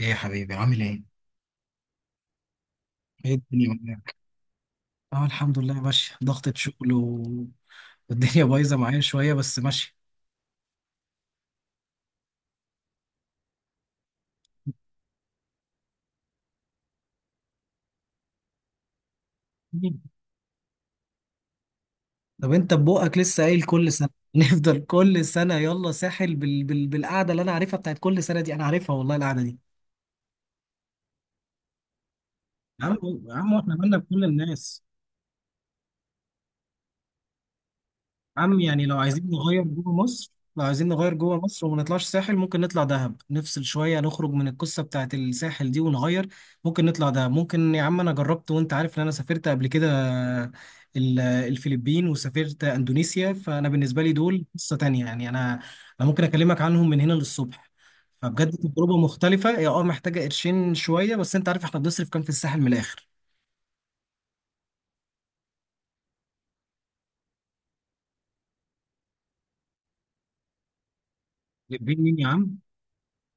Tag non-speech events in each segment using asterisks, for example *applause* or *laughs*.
ايه يا حبيبي، عامل ايه؟ ايه الدنيا معاك؟ اه الحمد لله ماشي، ضغطة شغل والدنيا *laughs* بايظة معايا شوية بس ماشي. طب انت ببقك لسه قايل كل سنة *laughs* نفضل كل سنة يلا ساحل بالقعدة اللي انا عارفها، بتاعت كل سنة دي انا عارفها والله القعدة دي. يا عم، يا عم احنا مالنا بكل الناس؟ عم يعني لو عايزين نغير جوه مصر، وما نطلعش ساحل، ممكن نطلع دهب، نفصل شوية، نخرج من القصة بتاعت الساحل دي ونغير. ممكن نطلع دهب، ممكن يا عم. أنا جربت وأنت عارف إن أنا سافرت قبل كده الفلبين وسافرت أندونيسيا، فأنا بالنسبة لي دول قصة تانية. يعني أنا ممكن أكلمك عنهم من هنا للصبح. فبجد تجربة مختلفة، هي أه محتاجة قرشين شوية، بس أنت عارف إحنا بنصرف كام في الساحل من الآخر. فلبين مين يا عم؟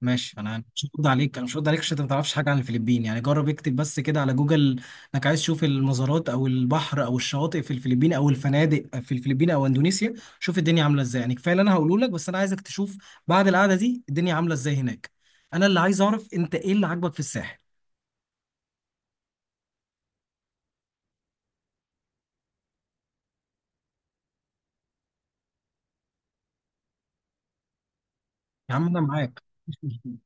ماشي، انا مش هرد عليك عشان انت ما تعرفش حاجه عن الفلبين. يعني جرب اكتب بس كده على جوجل انك عايز تشوف المزارات او البحر او الشواطئ في الفلبين، او الفنادق في الفلبين او اندونيسيا. شوف الدنيا عامله ازاي، يعني كفايه اللي انا هقوله لك، بس انا عايزك تشوف بعد القعده دي الدنيا عامله ازاي هناك. انا اللي عايز اعرف انت ايه اللي عاجبك في الساحل. يا عم انا معاك. *laughs*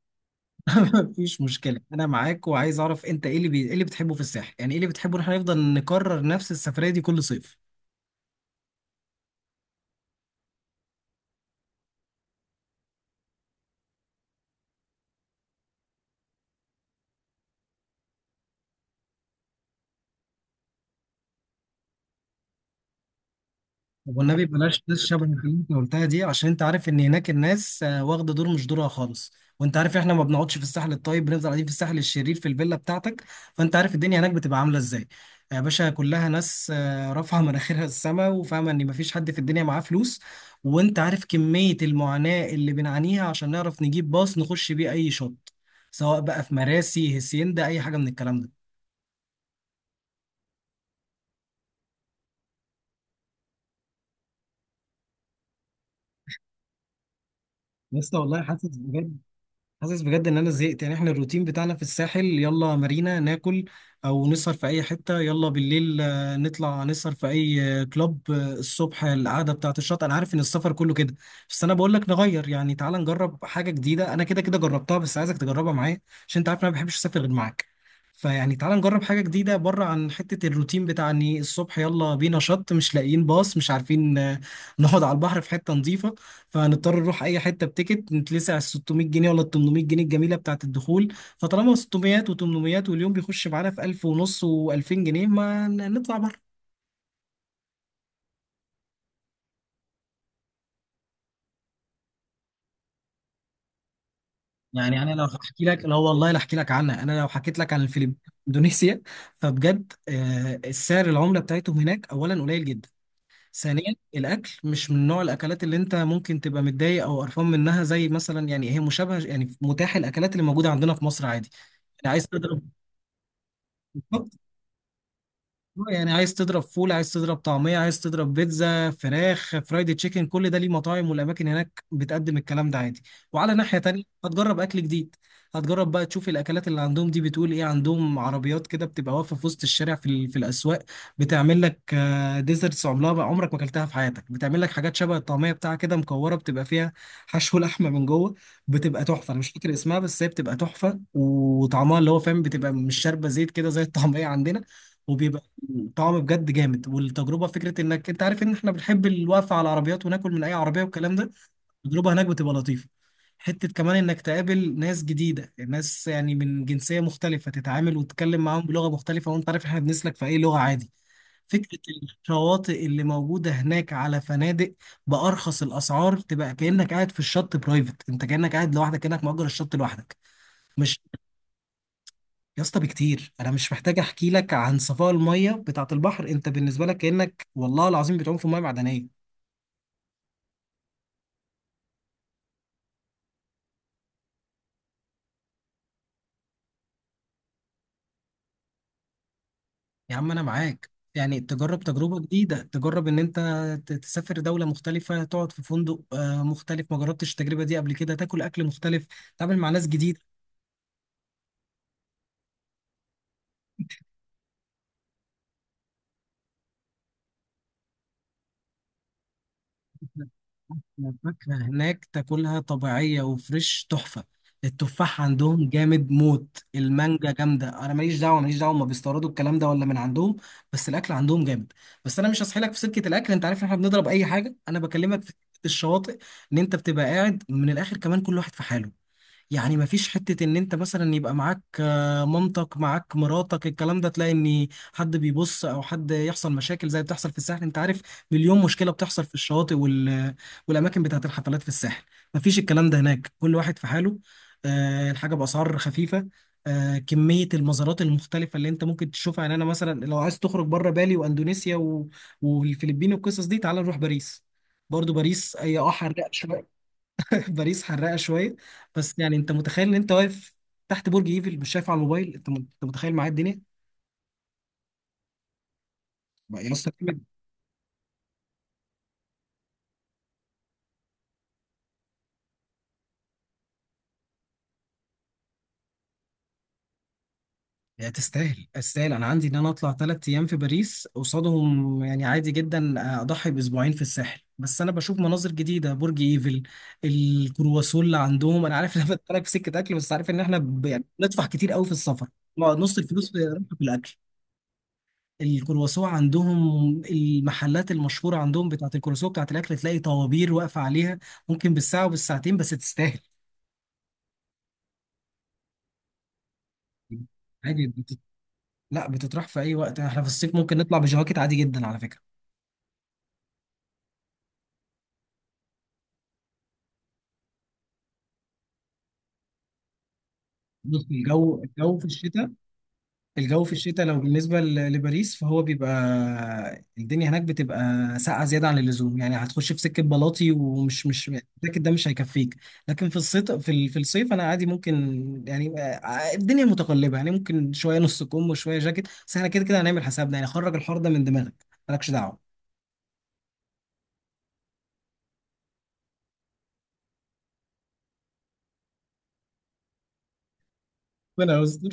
مفيش مشكلة، أنا معاك وعايز أعرف أنت إيه اللي بتحبه في الساحل. يعني إيه اللي بتحبه إن إحنا نفضل نكرر نفس السفرية دي كل صيف؟ طب والنبي بلاش ناس شبه اللي انت قلتها دي، عشان انت عارف ان هناك الناس واخده دور مش دورها خالص. وانت عارف احنا ما بنقعدش في الساحل الطيب، بنفضل قاعدين في الساحل الشرير في الفيلا بتاعتك، فانت عارف الدنيا هناك بتبقى عامله ازاي. يا باشا، كلها ناس رافعه مناخيرها السما وفاهمه ان مفيش حد في الدنيا معاه فلوس. وانت عارف كميه المعاناه اللي بنعانيها عشان نعرف نجيب باص نخش بيه اي شط، سواء بقى في مراسي، هسيندا، اي حاجه من الكلام ده. لسه والله حاسس بجد ان انا زهقت. يعني احنا الروتين بتاعنا في الساحل يلا مارينا ناكل، او نسهر في اي حته، يلا بالليل نطلع نسهر في اي كلوب، الصبح القعده بتاعه الشط. انا عارف ان السفر كله كده، بس انا بقول لك نغير، يعني تعال نجرب حاجه جديده، انا كده كده جربتها بس عايزك تجربها معايا عشان انت عارف إن انا ما بحبش اسافر غير معاك. فيعني تعال نجرب حاجه جديده، بره عن حته الروتين بتاع اني الصبح يلا بينا شط، مش لاقيين باص، مش عارفين نقعد على البحر في حته نظيفه. فهنضطر نروح اي حته بتيكت نتلسع على ال 600 جنيه ولا ال 800 جنيه الجميله بتاعه الدخول. فطالما 600 و800 واليوم بيخش معانا في 1000 ونص و2000 جنيه، ما ن- نطلع بره. يعني انا لو احكي لك، لا والله لا احكي لك عنها. انا لو حكيت لك عن الفلبين، اندونيسيا، فبجد السعر العمله بتاعتهم هناك اولا قليل جدا. ثانيا الاكل مش من نوع الاكلات اللي انت ممكن تبقى متضايق او قرفان منها، زي مثلا يعني هي مشابهه، يعني متاح الاكلات اللي موجوده عندنا في مصر عادي. يعني عايز تضرب يعني عايز تضرب فول، عايز تضرب طعمية، عايز تضرب بيتزا، فراخ فرايد تشيكن، كل ده ليه مطاعم. والأماكن هناك بتقدم الكلام ده عادي، وعلى ناحية تانية هتجرب أكل جديد. هتجرب بقى تشوف الأكلات اللي عندهم دي بتقول إيه. عندهم عربيات كده بتبقى واقفة في وسط الشارع في الأسواق، بتعمل لك ديزرتس عمرها بقى، عمرك ما أكلتها في حياتك. بتعمل لك حاجات شبه الطعمية بتاعها كده، مكورة، بتبقى فيها حشو *laughs* لحمة من جوه. بتبقى تحفة، أنا مش فاكر اسمها، بس هي بتبقى تحفة وطعمها اللي هو فاهم. بتبقى مش شاربة زيت كده زي الطعمية عندنا، وبيبقى طعم بجد جامد. والتجربه فكره انك انت عارف ان احنا بنحب الوقفه على العربيات وناكل من اي عربيه والكلام ده. التجربه هناك بتبقى لطيفه. حته كمان انك تقابل ناس جديده، ناس يعني من جنسيه مختلفه، تتعامل وتتكلم معاهم بلغه مختلفه وانت عارف احنا بنسلك في اي لغه عادي. فكره الشواطئ اللي موجوده هناك على فنادق، بارخص الاسعار تبقى كانك قاعد في الشط برايفت، انت كانك قاعد لوحدك، كانك مأجر الشط لوحدك. مش يا اسطى، بكتير. انا مش محتاج احكي لك عن صفاء الميه بتاعه البحر، انت بالنسبه لك كانك والله العظيم بتعوم في ميه معدنيه. يا عم انا معاك، يعني تجرب تجربه جديده، تجرب ان انت تسافر دوله مختلفه، تقعد في فندق مختلف، ما جربتش التجربه دي قبل كده، تاكل اكل مختلف، تتعامل مع ناس جديده. الفاكهة هناك تاكلها طبيعية وفريش، تحفة. التفاح عندهم جامد موت، المانجا جامدة، أنا ماليش دعوة ماليش دعوة هما بيستوردوا الكلام ده ولا من عندهم، بس الأكل عندهم جامد. بس أنا مش هسحلك في سكة الأكل، أنت عارف إن إحنا بنضرب أي حاجة. أنا بكلمك في سكة الشواطئ، إن أنت بتبقى قاعد من الآخر، كمان كل واحد في حاله. يعني مفيش حتة ان انت مثلا يبقى معاك مامتك، معاك مراتك، الكلام ده، تلاقي ان حد بيبص او حد يحصل مشاكل زي بتحصل في الساحل. انت عارف مليون مشكلة بتحصل في الشواطئ والاماكن بتاعت الحفلات في الساحل. مفيش الكلام ده هناك، كل واحد في حاله. الحاجة بأسعار خفيفة، كمية المزارات المختلفة اللي انت ممكن تشوفها. يعني انا مثلا لو عايز تخرج بره، بالي واندونيسيا والفلبين والقصص دي، تعال نروح باريس. برضو باريس هي حرقت شوية، باريس حراقه شويه. بس يعني انت متخيل ان انت واقف تحت برج ايفل، مش شايف على الموبايل، انت انت متخيل معايا الدنيا بقى يا اسطى، كلمة. هي تستاهل، تستاهل. انا عندي ان انا اطلع 3 ايام في باريس قصادهم يعني عادي جدا، اضحي باسبوعين في الساحل، بس انا بشوف مناظر جديده، برج ايفل، الكرواسون اللي عندهم. انا عارف ان انا بدخلك في سكه اكل بس عارف ان احنا يعني بندفع كتير قوي في السفر، نص الفلوس في الاكل. الكرواسون عندهم، المحلات المشهورة عندهم بتاعة الكرواسون بتاعة الأكل، تلاقي طوابير واقفة عليها، ممكن بالساعة وبالساعتين، بس تستاهل. عادي لا، بتطرح في أي وقت، احنا في الصيف ممكن نطلع بجواكت عادي جدا على فكرة. بص، الجو في الشتاء لو بالنسبة لباريس فهو بيبقى، الدنيا هناك بتبقى ساقعة زيادة عن اللزوم، يعني هتخش في سكة بلاطي، ومش مش الجاكيت ده مش هيكفيك. لكن في الصيف في الصيف أنا عادي ممكن. يعني الدنيا متقلبة، يعني ممكن شوية نص كم وشوية جاكيت، بس احنا كده كده هنعمل حسابنا، يعني خرج الحر ده من دماغك مالكش دعوة. *laughs* ربنا يستر.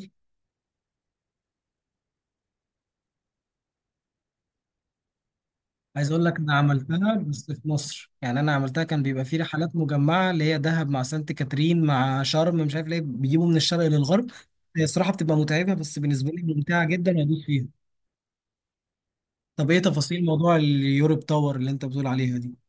عايز اقول لك انا عملتها بس في مصر، يعني انا عملتها كان بيبقى في رحلات مجمعه اللي هي دهب مع سانت كاترين مع شرم، مش عارف ليه بيجيبوا من الشرق للغرب. هي الصراحه بتبقى متعبه، بس بالنسبه لي ممتعه جدا وادوس فيها. طب ايه تفاصيل موضوع اليوروب تاور اللي انت بتقول عليها دي؟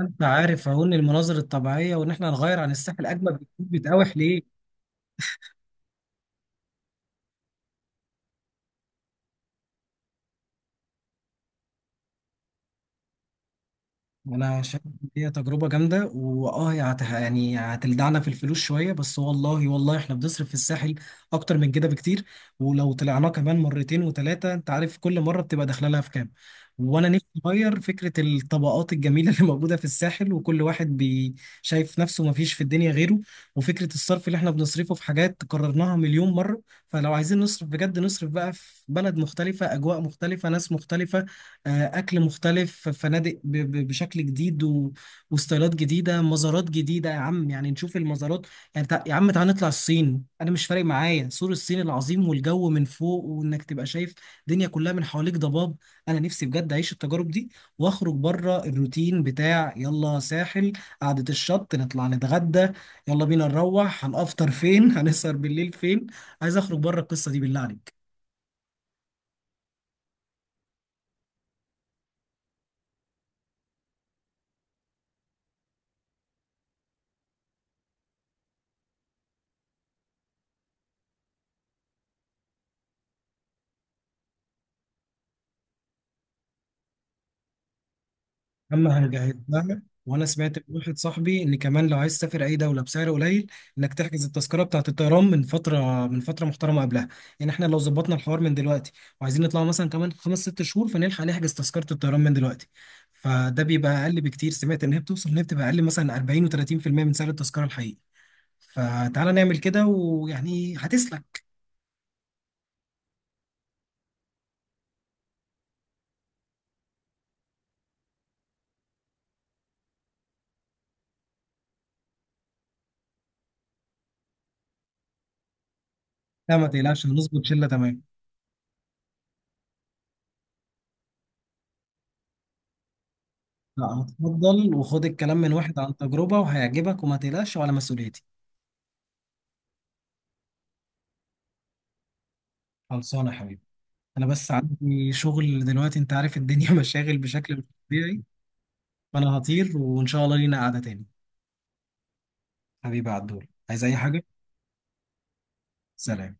انت عارف اهو ان المناظر الطبيعيه وان احنا نغير عن الساحل اجمل بكتير، بتقاوح ليه؟ انا شايف ان هي تجربه جامده، هي يعني هتلدعنا في الفلوس شويه، بس والله والله احنا بنصرف في الساحل اكتر من كده بكتير. ولو طلعناه كمان مرتين وثلاثه، انت عارف كل مره بتبقى داخله لها في كام. وانا نفسي اغير فكره الطبقات الجميله اللي موجوده في الساحل، وكل واحد شايف نفسه ما فيش في الدنيا غيره، وفكره الصرف اللي احنا بنصرفه في حاجات قررناها مليون مره. فلو عايزين نصرف بجد، نصرف بقى في بلد مختلفه، اجواء مختلفه، ناس مختلفه، اكل مختلف، فنادق بشكل جديد وستايلات جديده، مزارات جديده. يا عم يعني نشوف المزارات، يعني يا عم تعالى نطلع الصين. انا مش فارق معايا سور الصين العظيم والجو من فوق، وانك تبقى شايف الدنيا كلها من حواليك ضباب. انا نفسي بجد اعيش التجارب دي، واخرج بره الروتين بتاع يلا ساحل، قعده الشط، نطلع نتغدى، يلا بينا نروح، هنفطر فين، *laughs* هنسهر بالليل فين. عايز اخرج بره القصه دي بالله عليك. اما هنجهز لها. وانا سمعت من واحد صاحبي ان كمان لو عايز تسافر اي دوله بسعر قليل، انك تحجز التذكره بتاعه الطيران من فتره، من فتره محترمه قبلها. يعني احنا لو ظبطنا الحوار من دلوقتي وعايزين نطلع مثلا كمان خمس ست شهور، فنلحق نحجز تذكره الطيران من دلوقتي، فده بيبقى اقل بكتير. سمعت ان هي بتوصل ان هي بتبقى اقل مثلا 40 و30% من سعر التذكره الحقيقي. فتعالى نعمل كده ويعني هتسلك. لا ما تقلقش، هنظبط شله تمام. لا اتفضل وخد الكلام من واحد عن تجربه، وهيعجبك وما تقلقش وعلى مسؤوليتي. خلصانه يا حبيبي، انا بس عندي شغل دلوقتي، انت عارف الدنيا *laughs* مشاغل بشكل مش طبيعي. فانا هطير، وان شاء الله لينا قعدة تاني. حبيبي عبدول، عايز اي حاجة؟ سلام.